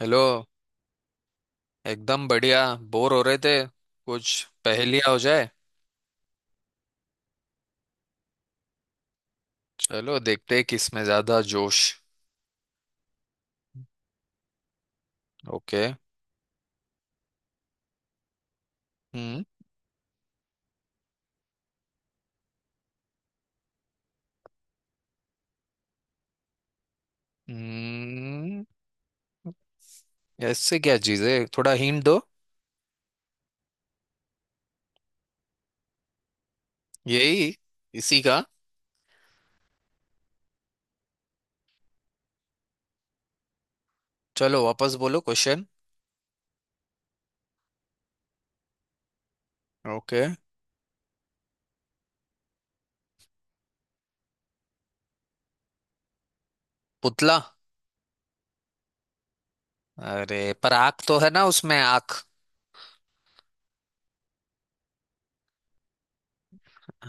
Hello. एकदम बढ़िया। Bore हो रहे थे, कुछ पहेलियां हो जाए। चलो देखते हैं किसमें ज्यादा जोश। ओके। हम्म। हम्म, ऐसे क्या चीज है, थोड़ा हिंट दो। यही, इसी का। चलो वापस बोलो क्वेश्चन। ओके। पुतला। अरे पर आंख तो है ना उसमें, आंख।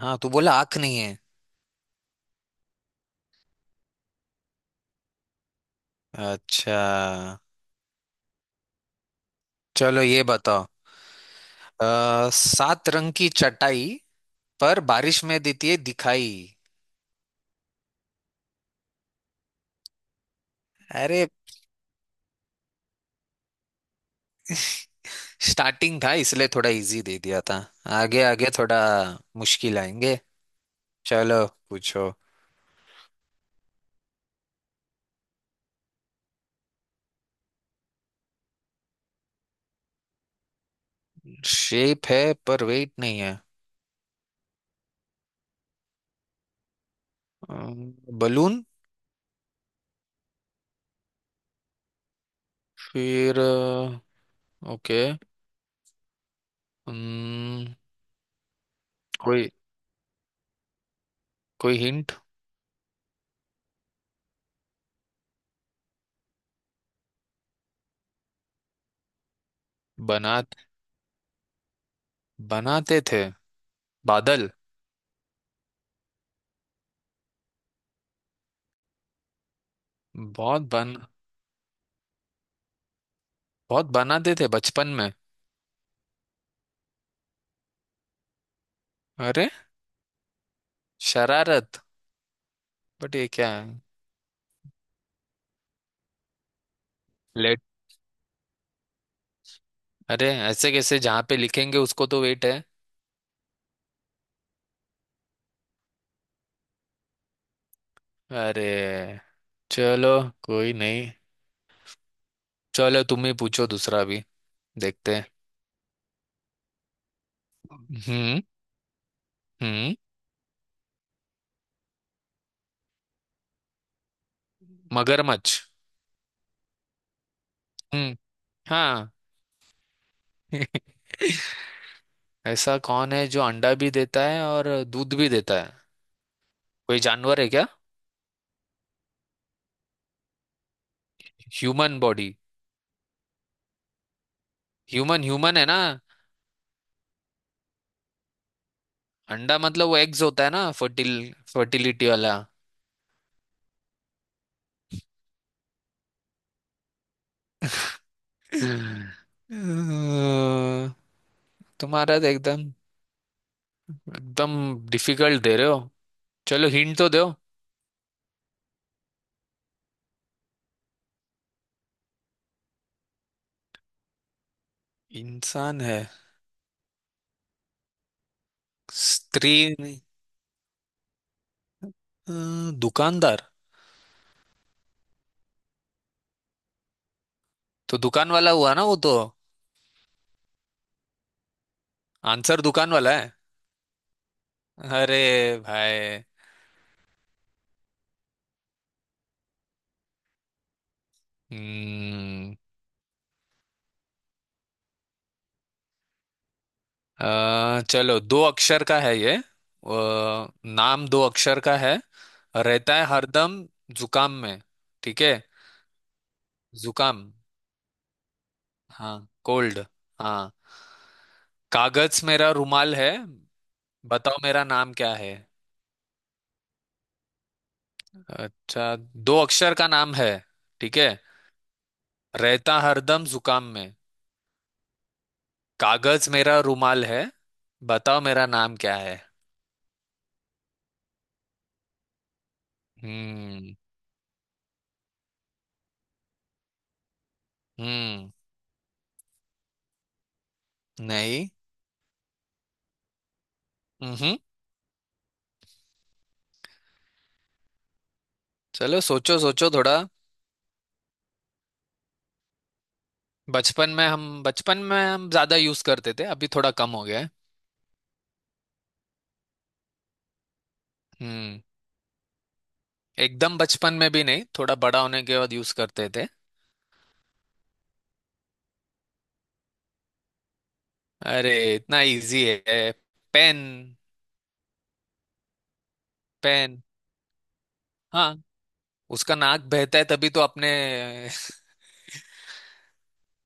हाँ तू बोला आंख नहीं है। अच्छा। चलो ये बताओ। सात रंग की चटाई, पर बारिश में देती है दिखाई। अरे स्टार्टिंग था इसलिए थोड़ा इजी दे दिया था। आगे आगे थोड़ा मुश्किल आएंगे। चलो पूछो। शेप है पर वेट नहीं है। बलून। फिर? ओके। कोई, कोई हिंट। बना बनाते थे। बादल। बहुत बन बहुत बनाते थे बचपन में। अरे। शरारत। बट ये क्या है? लेट। अरे ऐसे कैसे, जहाँ पे लिखेंगे उसको तो वेट है। अरे। चलो, कोई नहीं। चलो तुम ही पूछो दूसरा भी। देखते हैं। हम्म। हम्म। मगरमच्छ। हम्म। हाँ। ऐसा कौन है जो अंडा भी देता है और दूध भी देता है? कोई जानवर है क्या? Human body. ह्यूमन ह्यूमन है ना। अंडा मतलब वो एग्स होता है ना, फर्टिलिटी वाला। अ, तुम्हारा तो एकदम एकदम डिफिकल्ट दे रहे हो। चलो हिंट तो दो। इंसान है। स्त्री? नहीं। अ, दुकानदार? तो दुकान वाला हुआ ना वो तो। आंसर दुकान वाला है। अरे भाई। हम्म। चलो दो अक्षर का है ये। नाम दो अक्षर का है, रहता है हरदम जुकाम में, ठीक है? जुकाम। हाँ कोल्ड। हाँ। कागज मेरा रुमाल है, बताओ मेरा नाम क्या है। अच्छा, दो अक्षर का नाम है, ठीक है? रहता हरदम जुकाम में, कागज मेरा रुमाल है, बताओ मेरा नाम क्या है। हम्म। हम्म। नहीं। हम्म। चलो सोचो सोचो थोड़ा। बचपन में हम ज्यादा यूज करते थे, अभी थोड़ा कम हो गया है। हम्म। एकदम बचपन में भी नहीं, थोड़ा बड़ा होने के बाद यूज करते थे। अरे इतना इजी है, पेन। पेन, हाँ। उसका नाक बहता है तभी तो अपने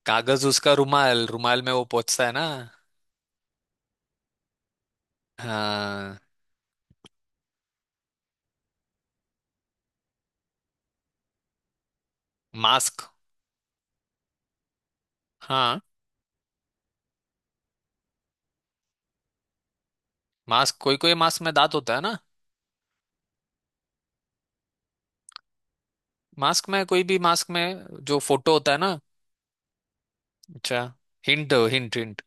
कागज उसका रुमाल, रुमाल में वो पहुंचता है ना। हाँ। मास्क। हाँ। मास्क, कोई कोई मास्क में दांत होता है ना। मास्क में, कोई भी मास्क में जो फोटो होता है ना। अच्छा। Hint hint hint.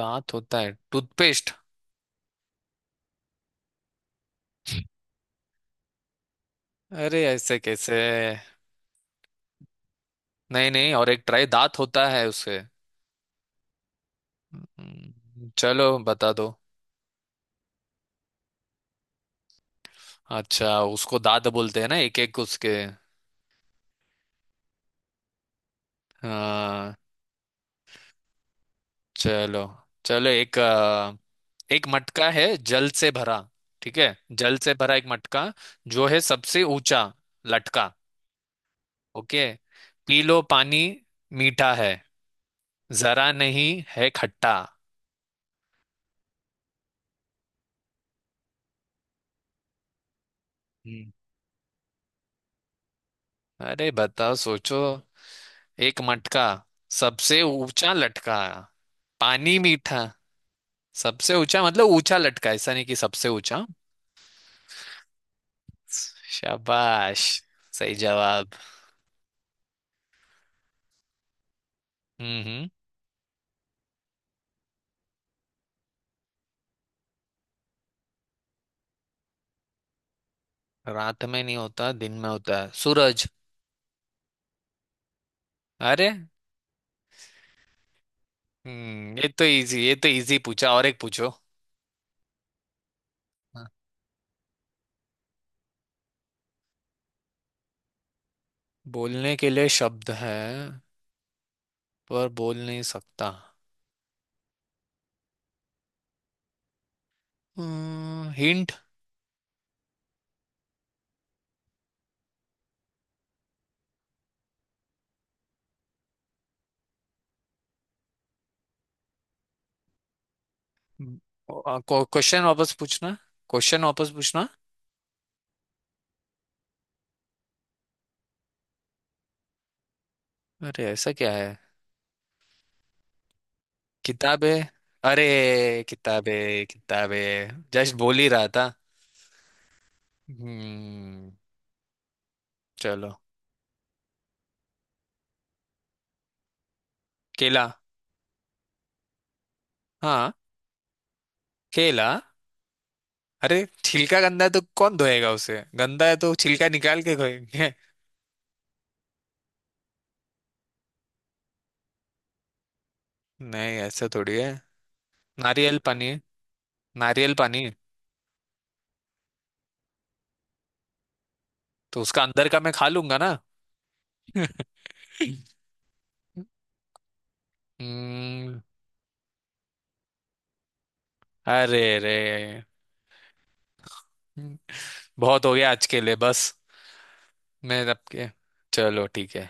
दांत होता है, टूथपेस्ट। अरे ऐसे कैसे। नहीं नहीं, और एक ट्राई, दांत होता है उसे। चलो बता दो। अच्छा, उसको दांत बोलते हैं ना एक एक उसके। हाँ। चलो। चलो एक अ, एक मटका है जल से भरा, ठीक है? जल से भरा एक मटका, जो है सबसे ऊंचा लटका। ओके। पी लो पानी, मीठा है, जरा नहीं है खट्टा। हम्म, अरे बताओ, सोचो। एक मटका, सबसे ऊंचा लटका, पानी मीठा। सबसे ऊंचा मतलब ऊंचा लटका, ऐसा नहीं कि सबसे ऊंचा। शाबाश, सही जवाब। हम्म। हम्म। रात में नहीं होता दिन में होता है, सूरज। अरे। हम्म, ये तो इजी पूछा, और एक पूछो। हाँ। बोलने के लिए शब्द है, पर बोल नहीं सकता। हिंट। क्वेश्चन वापस पूछना क्वेश्चन वापस पूछना। अरे ऐसा क्या है? किताबे। अरे किताबे किताबे, जस्ट बोल ही रहा था। हम्म। चलो, केला। हाँ केला। अरे छिलका गंदा है तो कौन धोएगा उसे, गंदा है तो छिलका निकाल के धोएंगे। नहीं ऐसा थोड़ी है। नारियल पानी है। नारियल पानी है। तो उसका अंदर का मैं खा लूंगा ना। हम्म। अरे रे। बहुत हो गया आज के लिए, बस। मैं आपके, चलो ठीक है।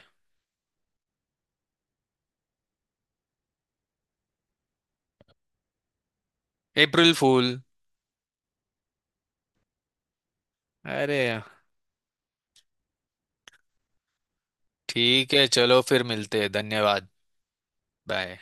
अप्रैल फूल। अरे। ठीक है, चलो फिर मिलते हैं, धन्यवाद। बाय।